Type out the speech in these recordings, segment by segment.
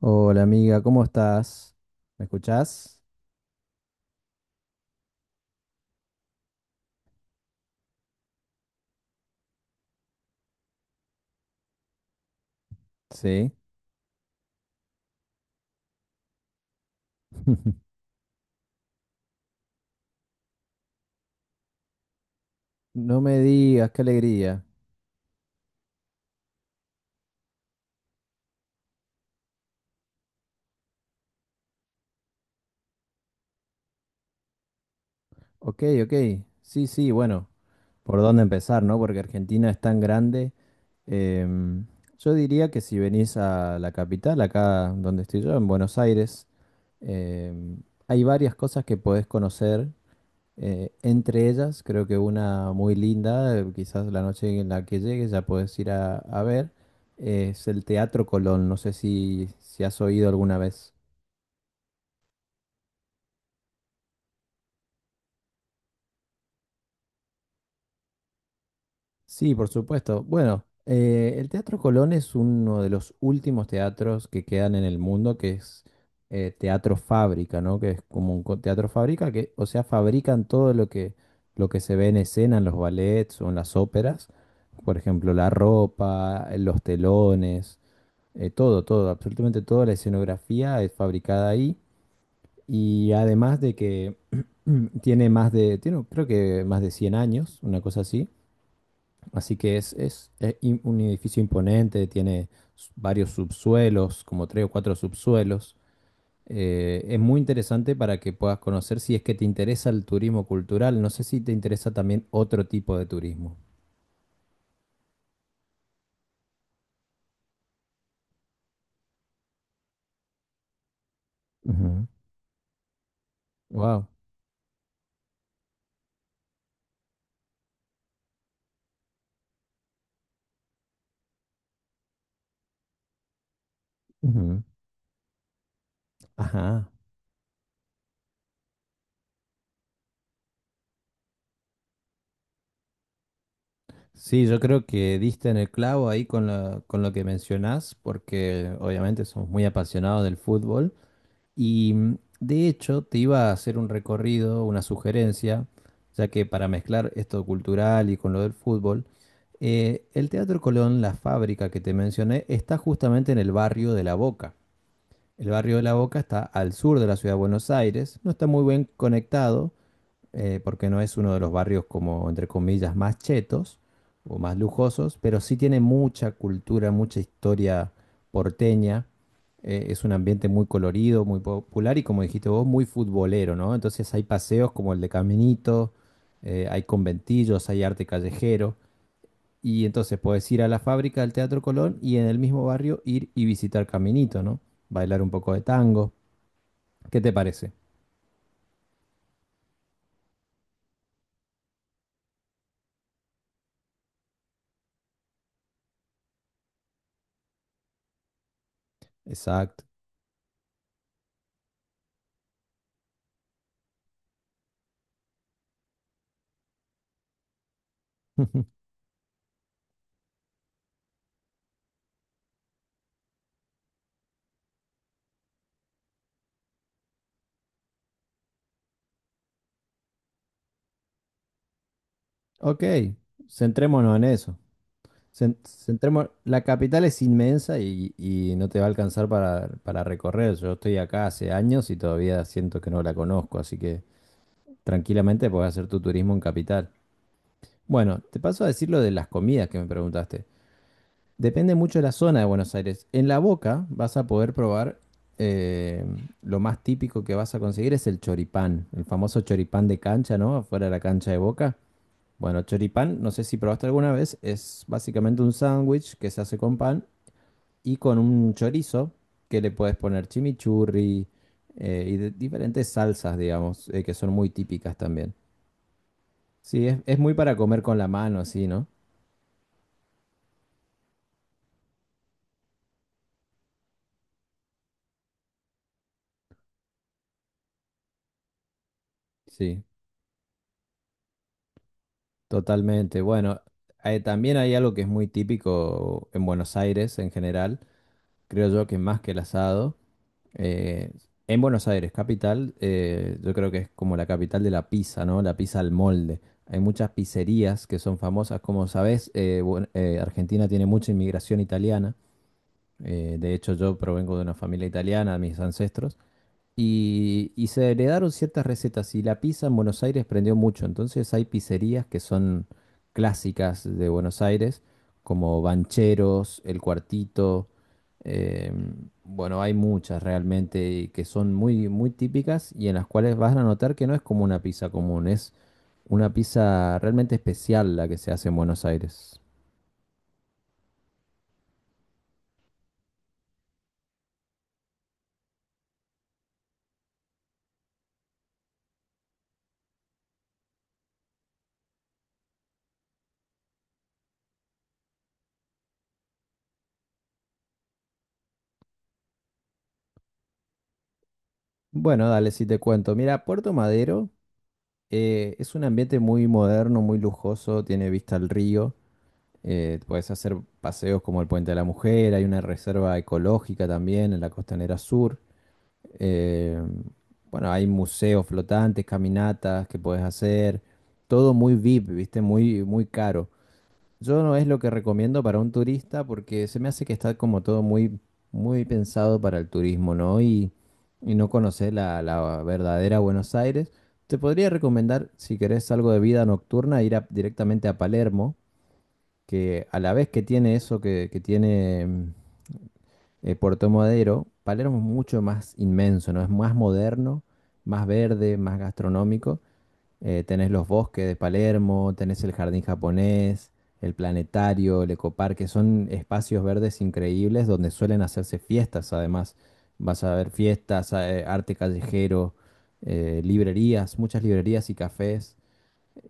Hola amiga, ¿cómo estás? ¿Me escuchás? Sí. No me digas, qué alegría. Ok, ok. Sí, sí, bueno, ¿por dónde empezar, no? Porque Argentina es tan grande. Em, yo diría que si venís a la capital, acá donde estoy yo, en Buenos Aires, hay varias cosas que podés conocer. Entre ellas, creo que una muy linda, quizás la noche en la que llegues ya puedes ir a ver, es el Teatro Colón. No sé si has oído alguna vez. Sí, por supuesto. Bueno, el Teatro Colón es uno de los últimos teatros que quedan en el mundo, que es teatro fábrica, ¿no? Que es como un teatro fábrica, que, o sea, fabrican todo lo que se ve en escena, en los ballets o en las óperas. Por ejemplo, la ropa, los telones. Todo, todo, absolutamente toda la escenografía es fabricada ahí. Y además de que tiene, creo que más de 100 años, una cosa así. Así que un edificio imponente, tiene varios subsuelos, como tres o cuatro subsuelos. Es muy interesante para que puedas conocer si es que te interesa el turismo cultural. No sé si te interesa también otro tipo de turismo. Wow. Ajá. Sí, yo creo que diste en el clavo ahí con lo que mencionás, porque obviamente somos muy apasionados del fútbol. Y de hecho, te iba a hacer un recorrido, una sugerencia, ya que para mezclar esto cultural y con lo del fútbol, el Teatro Colón, la fábrica que te mencioné, está justamente en el barrio de La Boca. El barrio de La Boca está al sur de la ciudad de Buenos Aires, no está muy bien conectado, porque no es uno de los barrios como, entre comillas, más chetos o más lujosos, pero sí tiene mucha cultura, mucha historia porteña. Es un ambiente muy colorido, muy popular y como dijiste vos, muy futbolero, ¿no? Entonces hay paseos como el de Caminito, hay conventillos, hay arte callejero. Y entonces puedes ir a la fábrica del Teatro Colón y en el mismo barrio ir y visitar Caminito, ¿no? Bailar un poco de tango. ¿Qué te parece? Exacto. Ok, centrémonos en eso. La capital es inmensa y no te va a alcanzar para recorrer. Yo estoy acá hace años y todavía siento que no la conozco, así que tranquilamente podés hacer tu turismo en capital. Bueno, te paso a decir lo de las comidas que me preguntaste. Depende mucho de la zona de Buenos Aires. En La Boca vas a poder probar, eh, lo más típico que vas a conseguir es el choripán, el famoso choripán de cancha, ¿no? Afuera de la cancha de Boca. Bueno, choripán, no sé si probaste alguna vez, es básicamente un sándwich que se hace con pan y con un chorizo que le puedes poner chimichurri, diferentes salsas, digamos, que son muy típicas también. Sí, es muy para comer con la mano, así, ¿no? Sí, totalmente. Bueno, también hay algo que es muy típico en Buenos Aires en general, creo yo que más que el asado. Eh, en Buenos Aires, capital, yo creo que es como la capital de la pizza, ¿no? La pizza al molde. Hay muchas pizzerías que son famosas. Como sabés, Argentina tiene mucha inmigración italiana. De hecho, yo provengo de una familia italiana, mis ancestros. Y se heredaron ciertas recetas y la pizza en Buenos Aires prendió mucho. Entonces hay pizzerías que son clásicas de Buenos Aires, como Bancheros, El Cuartito. eh, bueno, hay muchas realmente y que son muy, muy típicas y en las cuales vas a notar que no es como una pizza común, es una pizza realmente especial la que se hace en Buenos Aires. Bueno, dale, si te cuento. Mira, Puerto Madero es un ambiente muy moderno, muy lujoso, tiene vista al río. Puedes hacer paseos como el Puente de la Mujer, hay una reserva ecológica también en la Costanera Sur. Eh, bueno, hay museos flotantes, caminatas que puedes hacer. Todo muy VIP, ¿viste? Muy, muy caro. Yo no es lo que recomiendo para un turista porque se me hace que está como todo muy, muy pensado para el turismo, ¿no? Y no conocer la verdadera Buenos Aires. Te podría recomendar, si querés algo de vida nocturna, ir a- directamente a Palermo que a la vez que tiene eso que tiene Puerto Madero, Palermo es mucho más inmenso, ¿no? Es más moderno, más verde, más gastronómico. Tenés los bosques de Palermo, tenés el jardín japonés, el planetario, el ecoparque, son espacios verdes increíbles donde suelen hacerse fiestas además. Vas a ver fiestas, arte callejero, librerías, muchas librerías y cafés.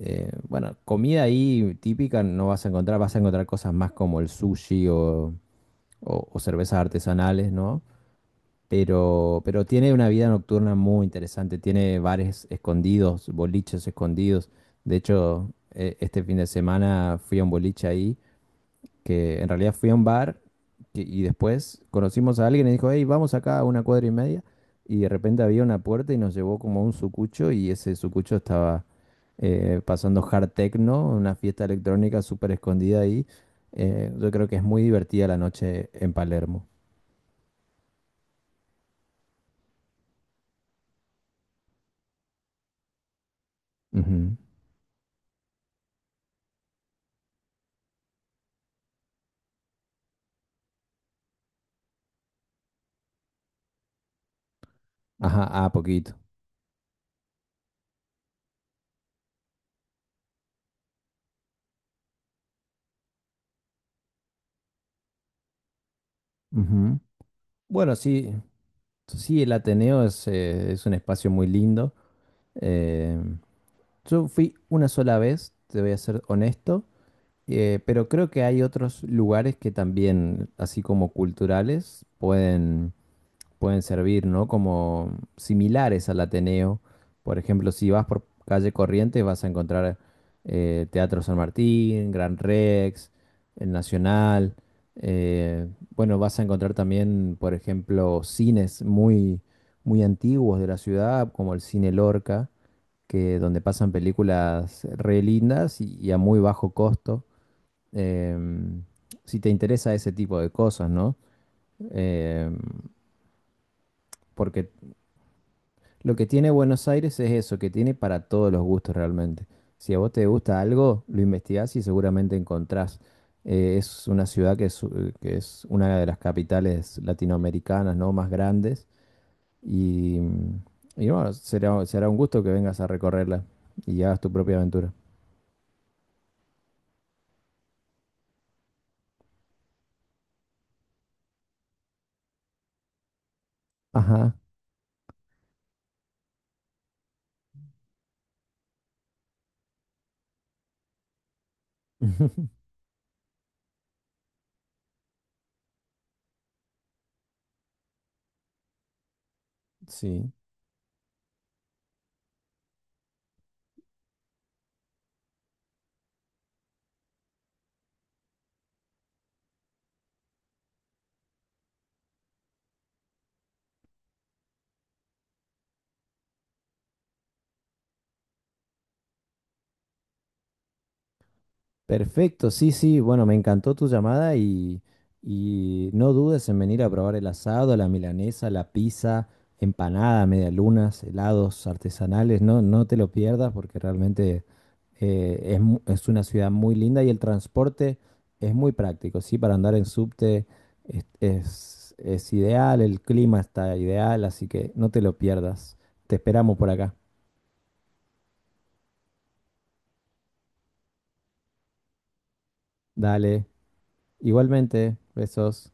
Bueno, comida ahí típica no vas a encontrar, vas a encontrar cosas más como el sushi o cervezas artesanales, ¿no? Pero tiene una vida nocturna muy interesante, tiene bares escondidos, boliches escondidos. De hecho, este fin de semana fui a un boliche ahí que en realidad fui a un bar y después conocimos a alguien y dijo, hey, vamos acá a una cuadra y media. Y de repente había una puerta y nos llevó como a un sucucho y ese sucucho estaba pasando hard techno, una fiesta electrónica súper escondida ahí. Yo creo que es muy divertida la noche en Palermo. Ujú. Ajá, a poquito. Ujú. Bueno, sí, sí, el Ateneo es un espacio muy lindo. Eh, yo fui una sola vez, te voy a ser honesto. Pero creo que hay otros lugares que también, así como culturales, pueden servir, ¿no? Como similares al Ateneo. Por ejemplo, si vas por calle Corrientes vas a encontrar Teatro San Martín, Gran Rex, el Nacional. eh, bueno, vas a encontrar también, por ejemplo, cines muy, muy antiguos de la ciudad, como el Cine Lorca, que donde pasan películas re lindas y a muy bajo costo, em, si te interesa ese tipo de cosas, ¿no? Em, porque lo que tiene Buenos Aires es eso, que tiene para todos los gustos realmente. Si a vos te gusta algo, lo investigás y seguramente encontrás. Es una ciudad que es una de las capitales latinoamericanas, ¿no? Más grandes. Y, y bueno, será un gusto que vengas a recorrerla y hagas tu propia aventura. Ajá. Sí. Perfecto, sí, sí, bueno, me encantó tu llamada y no dudes en venir a probar el asado, la milanesa, la pizza, empanada, medialunas, helados artesanales, no, no te lo pierdas porque realmente es una ciudad muy linda y el transporte es muy práctico, sí, para andar en subte es ideal, el clima está ideal, así que no te lo pierdas, te esperamos por acá, dale, igualmente, besos.